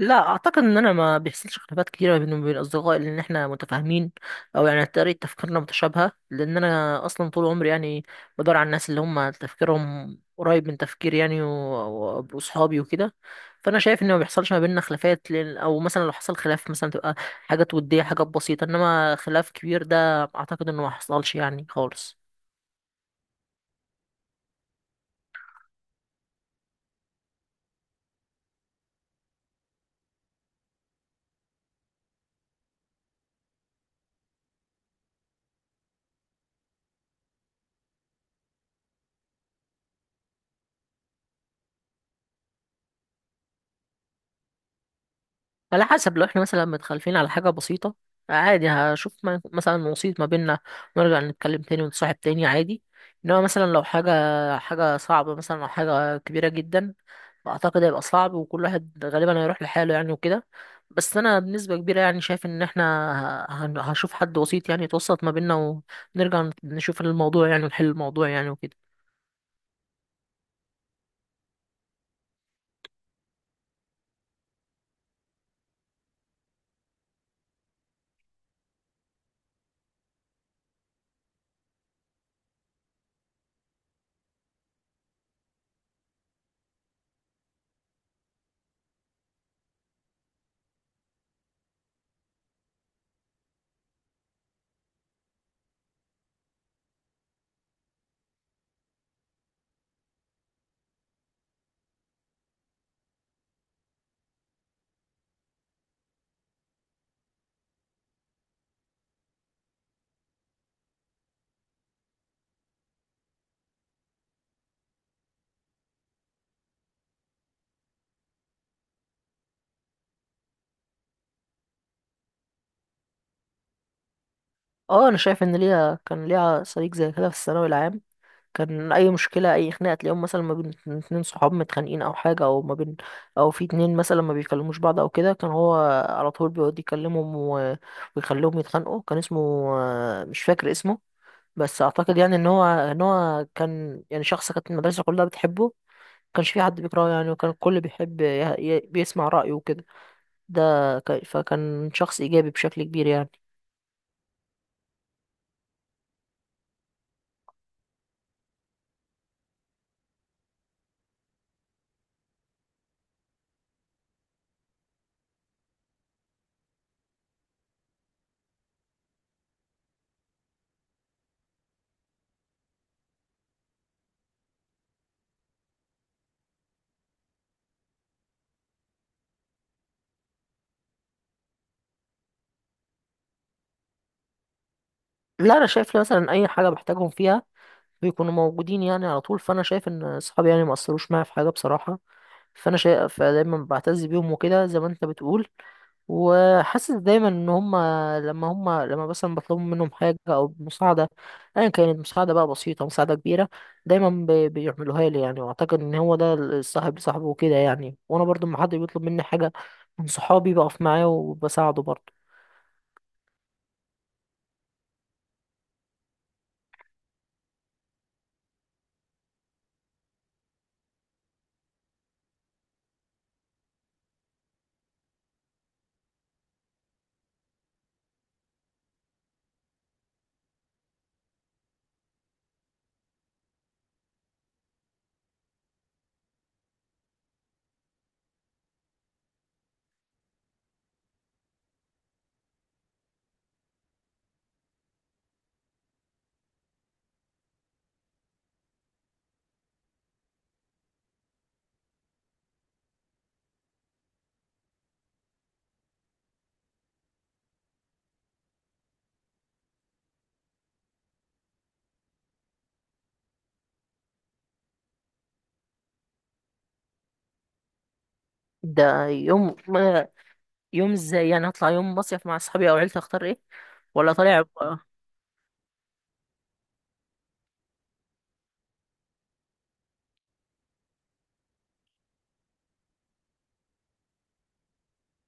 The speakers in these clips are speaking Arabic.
لا، اعتقد ان انا ما بيحصلش خلافات كتيره بيني وبين اصدقائي لان احنا متفاهمين. او يعني طريقه تفكيرنا متشابهه، لان انا اصلا طول عمري يعني بدور على الناس اللي هم تفكيرهم قريب من تفكيري يعني واصحابي وكده. فانا شايف ان ما بيحصلش ما بيننا خلافات، لان او مثلا لو حصل خلاف مثلا تبقى حاجات وديه، حاجات بسيطه، انما خلاف كبير ده اعتقد انه ما حصلش يعني خالص. على حسب، لو احنا مثلا متخالفين على حاجة بسيطة عادي هشوف مثلا وسيط ما بيننا، ونرجع نتكلم تاني ونتصاحب تاني عادي. انما مثلا لو حاجة صعبة مثلا او حاجة كبيرة جدا، فاعتقد هيبقى صعب وكل واحد غالبا هيروح لحاله يعني وكده. بس انا بنسبة كبيرة يعني شايف ان احنا هشوف حد وسيط يعني يتوسط ما بيننا، ونرجع نشوف الموضوع يعني ونحل الموضوع يعني وكده. اه، انا شايف ان كان ليا صديق زي كده في الثانوي العام. كان اي مشكله اي خناقه تلاقيهم مثلا ما بين اتنين صحاب متخانقين او حاجه، او ما بين، او في اتنين مثلا ما بيكلموش بعض او كده، كان هو على طول بيقعد يكلمهم ويخليهم يتخانقوا. كان اسمه، مش فاكر اسمه، بس اعتقد يعني ان هو كان يعني شخص كانت المدرسه كلها بتحبه، ما كانش في حد بيكرهه يعني، وكان الكل بيحب بيسمع رايه وكده. ده فكان شخص ايجابي بشكل كبير يعني. لا، انا شايف مثلا اي حاجه بحتاجهم فيها بيكونوا موجودين يعني على طول، فانا شايف ان اصحابي يعني ما اثروش معايا في حاجه بصراحه. فانا شايف فدايما بعتز بيهم وكده زي ما انت بتقول، وحاسس دايما ان هم لما مثلا بطلب منهم حاجه او مساعده، ايا كانت مساعده بقى بسيطه، مساعده كبيره، دايما بيعملوها لي يعني. واعتقد ان هو ده الصاحب لصاحبه وكده يعني، وانا برضو لما حد بيطلب مني حاجه من صحابي بقف معاه وبساعده برضو. ده يوم ازاي يعني؟ هطلع يوم مصيف مع اصحابي او عيلتي؟ اختار ايه؟ ولا طالع.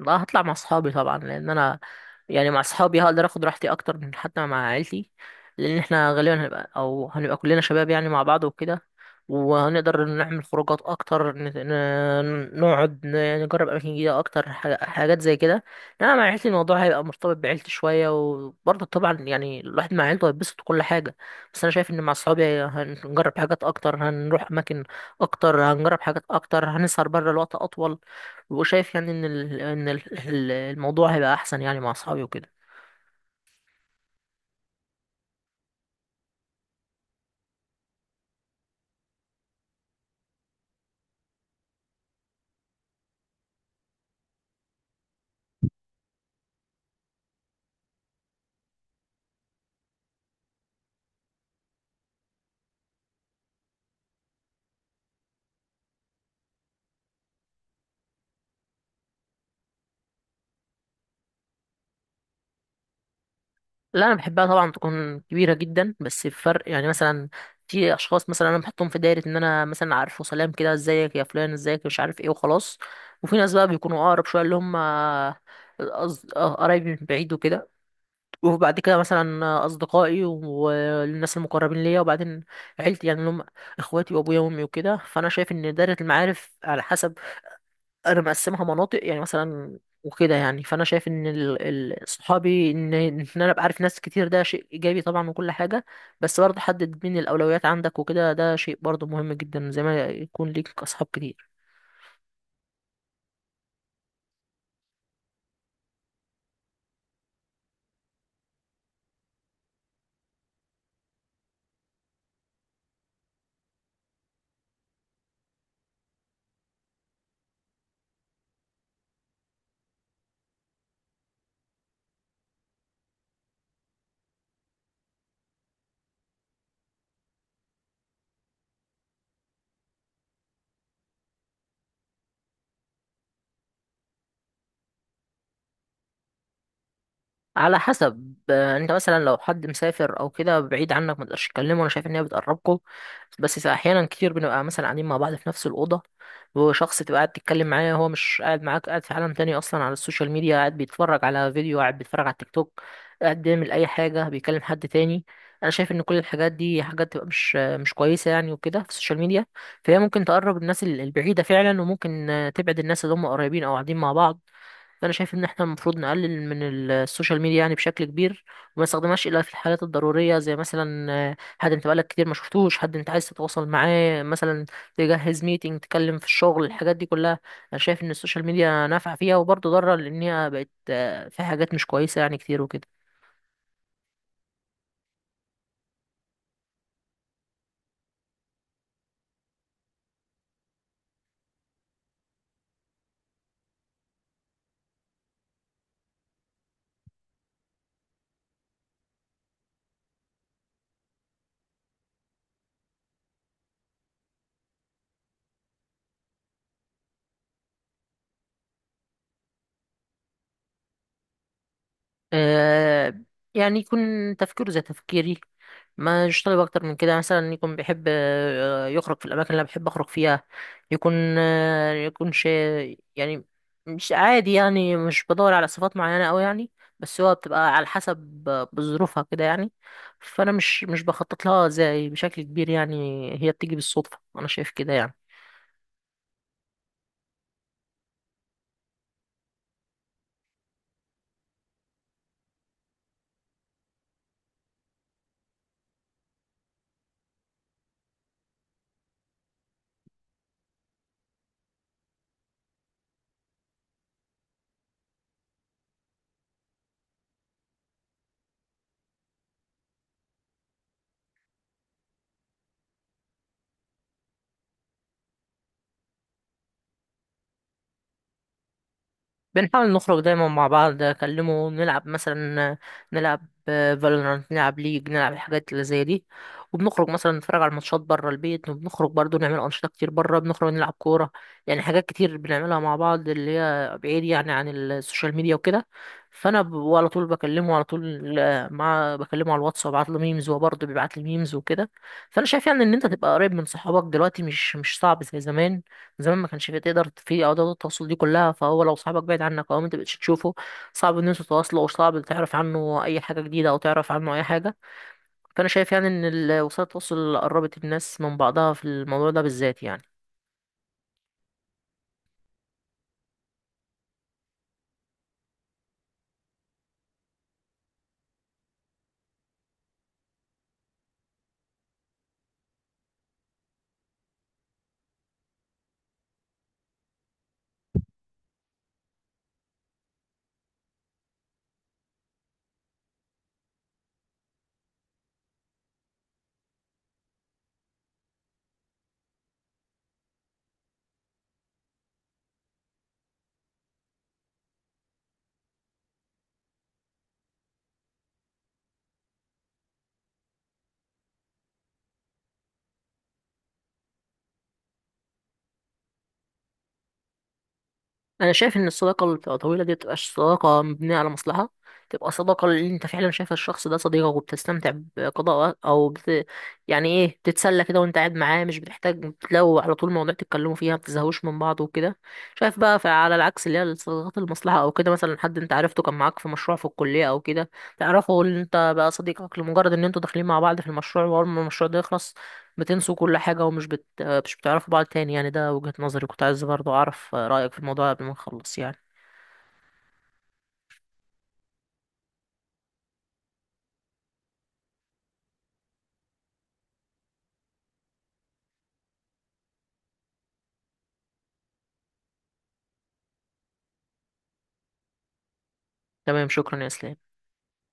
لا، هطلع مع اصحابي طبعا، لان انا يعني مع اصحابي هقدر اخد راحتي اكتر من حتى مع عيلتي، لان احنا غالبا هنبقى كلنا شباب يعني مع بعض وكده، وهنقدر نعمل خروجات اكتر، نقعد يعني نجرب اماكن جديده اكتر، حاجات زي كده. انما مع عيلتي الموضوع هيبقى مرتبط بعيلتي شويه، وبرضه طبعا يعني الواحد مع عيلته هيتبسط كل حاجه، بس انا شايف ان مع اصحابي هنجرب حاجات اكتر، هنروح اماكن اكتر، هنجرب حاجات اكتر، هنسهر بره لوقت اطول، وشايف يعني ان الموضوع هيبقى احسن يعني مع اصحابي وكده. لا، انا بحبها طبعا تكون كبيره جدا، بس الفرق يعني مثلا في اشخاص مثلا انا بحطهم في دايره ان انا مثلا عارفه، سلام كده، ازيك يا فلان، ازيك، مش عارف ايه، وخلاص. وفي ناس بقى بيكونوا اقرب شويه، اللي هم قرايبي من بعيد وكده، وبعد كده مثلا اصدقائي والناس المقربين ليا، وبعدين عيلتي يعني اللي هم اخواتي وابويا وامي وكده. فانا شايف ان دايره المعارف على حسب، انا مقسمها مناطق يعني مثلا وكده يعني. فانا شايف ان صحابي، ان انا ابقى عارف ناس كتير ده شيء ايجابي طبعا وكل حاجه، بس برضه حدد مين الاولويات عندك وكده، ده شيء برضه مهم جدا زي ما يكون ليك اصحاب كتير. على حسب، انت مثلا لو حد مسافر او كده بعيد عنك ما تقدرش تكلمه، انا شايف ان هي بتقربكم. بس احيانا كتير بنبقى مثلا قاعدين مع بعض في نفس الاوضه، وشخص تبقى قاعد تتكلم معاه هو مش قاعد معاك، قاعد في عالم تاني اصلا على السوشيال ميديا، قاعد بيتفرج على فيديو، قاعد بيتفرج على التيك توك، قاعد بيعمل اي حاجه، بيكلم حد تاني. انا شايف ان كل الحاجات دي حاجات تبقى مش كويسه يعني وكده في السوشيال ميديا، فهي ممكن تقرب الناس البعيده فعلا، وممكن تبعد الناس اللي هم قريبين او قاعدين مع بعض. فانا شايف ان احنا المفروض نقلل من السوشيال ميديا يعني بشكل كبير، وما نستخدمهاش الا في الحالات الضروريه، زي مثلا حد انت بقالك كتير ما شفتوش، حد انت عايز تتواصل معاه مثلا، تجهز ميتنج، تتكلم في الشغل، الحاجات دي كلها. انا شايف ان السوشيال ميديا نافعه فيها وبرضه ضاره، لان هي بقت فيها حاجات مش كويسه يعني كتير وكده. آه، يعني يكون تفكيره زي تفكيري، ما يشتغل اكتر من كده مثلا، يكون بيحب يخرج في الاماكن اللي أنا بحب اخرج فيها، يكون يكون شيء يعني مش عادي يعني، مش بدور على صفات معينة أوي يعني، بس هو بتبقى على حسب بظروفها كده يعني، فأنا مش بخطط لها زي بشكل كبير، يعني هي بتيجي بالصدفة أنا شايف كده يعني. بنحاول نخرج دايما مع بعض، اكلمه، نلعب مثلا، نلعب فالورانت، نلعب ليج، نلعب الحاجات اللي زي دي، وبنخرج مثلا نتفرج على الماتشات بره البيت، وبنخرج برضو نعمل انشطه كتير بره، بنخرج نلعب كوره، يعني حاجات كتير بنعملها مع بعض اللي هي بعيد يعني عن السوشيال ميديا وكده. فانا على طول بكلمه، على طول آه، مع بكلمه على الواتس وابعت له ميمز وهو برضه بيبعت لي ميمز وكده. فانا شايف يعني ان انت تبقى قريب من صحابك دلوقتي مش صعب زي زمان، زمان ما كانش فيه تقدر في ادوات التواصل دي كلها، فهو لو صاحبك بعيد عنك او انت مبقتش تشوفه صعب ان انتوا تتواصلوا، او صعب تعرف عنه اي حاجه جديده او تعرف عنه اي حاجه. فانا شايف يعني ان وسائل التواصل قربت الناس من بعضها في الموضوع ده بالذات يعني. انا شايف ان الصداقه اللي بتبقى طويله دي متبقاش صداقه مبنيه على مصلحه، تبقى صداقه اللي انت فعلا شايف الشخص ده صديقك، وبتستمتع بقضاء وقت يعني ايه، بتتسلى كده وانت قاعد معاه، مش بتحتاج لو على طول مواضيع تتكلموا فيها، ما بتزهقوش من بعض وكده. شايف بقى، على العكس اللي هي الصداقات المصلحه او كده، مثلا حد انت عرفته كان معاك في مشروع في الكليه او كده، تعرفه اللي انت بقى صديقك لمجرد ان انتوا داخلين مع بعض في المشروع، واول ما المشروع ده يخلص بتنسوا كل حاجة، ومش بت... مش بتعرفوا بعض تاني يعني. ده وجهة نظري، كنت عايز برضو أعرف رأيك في الموضوع قبل ما نخلص يعني. تمام، شكرا يا إسلام.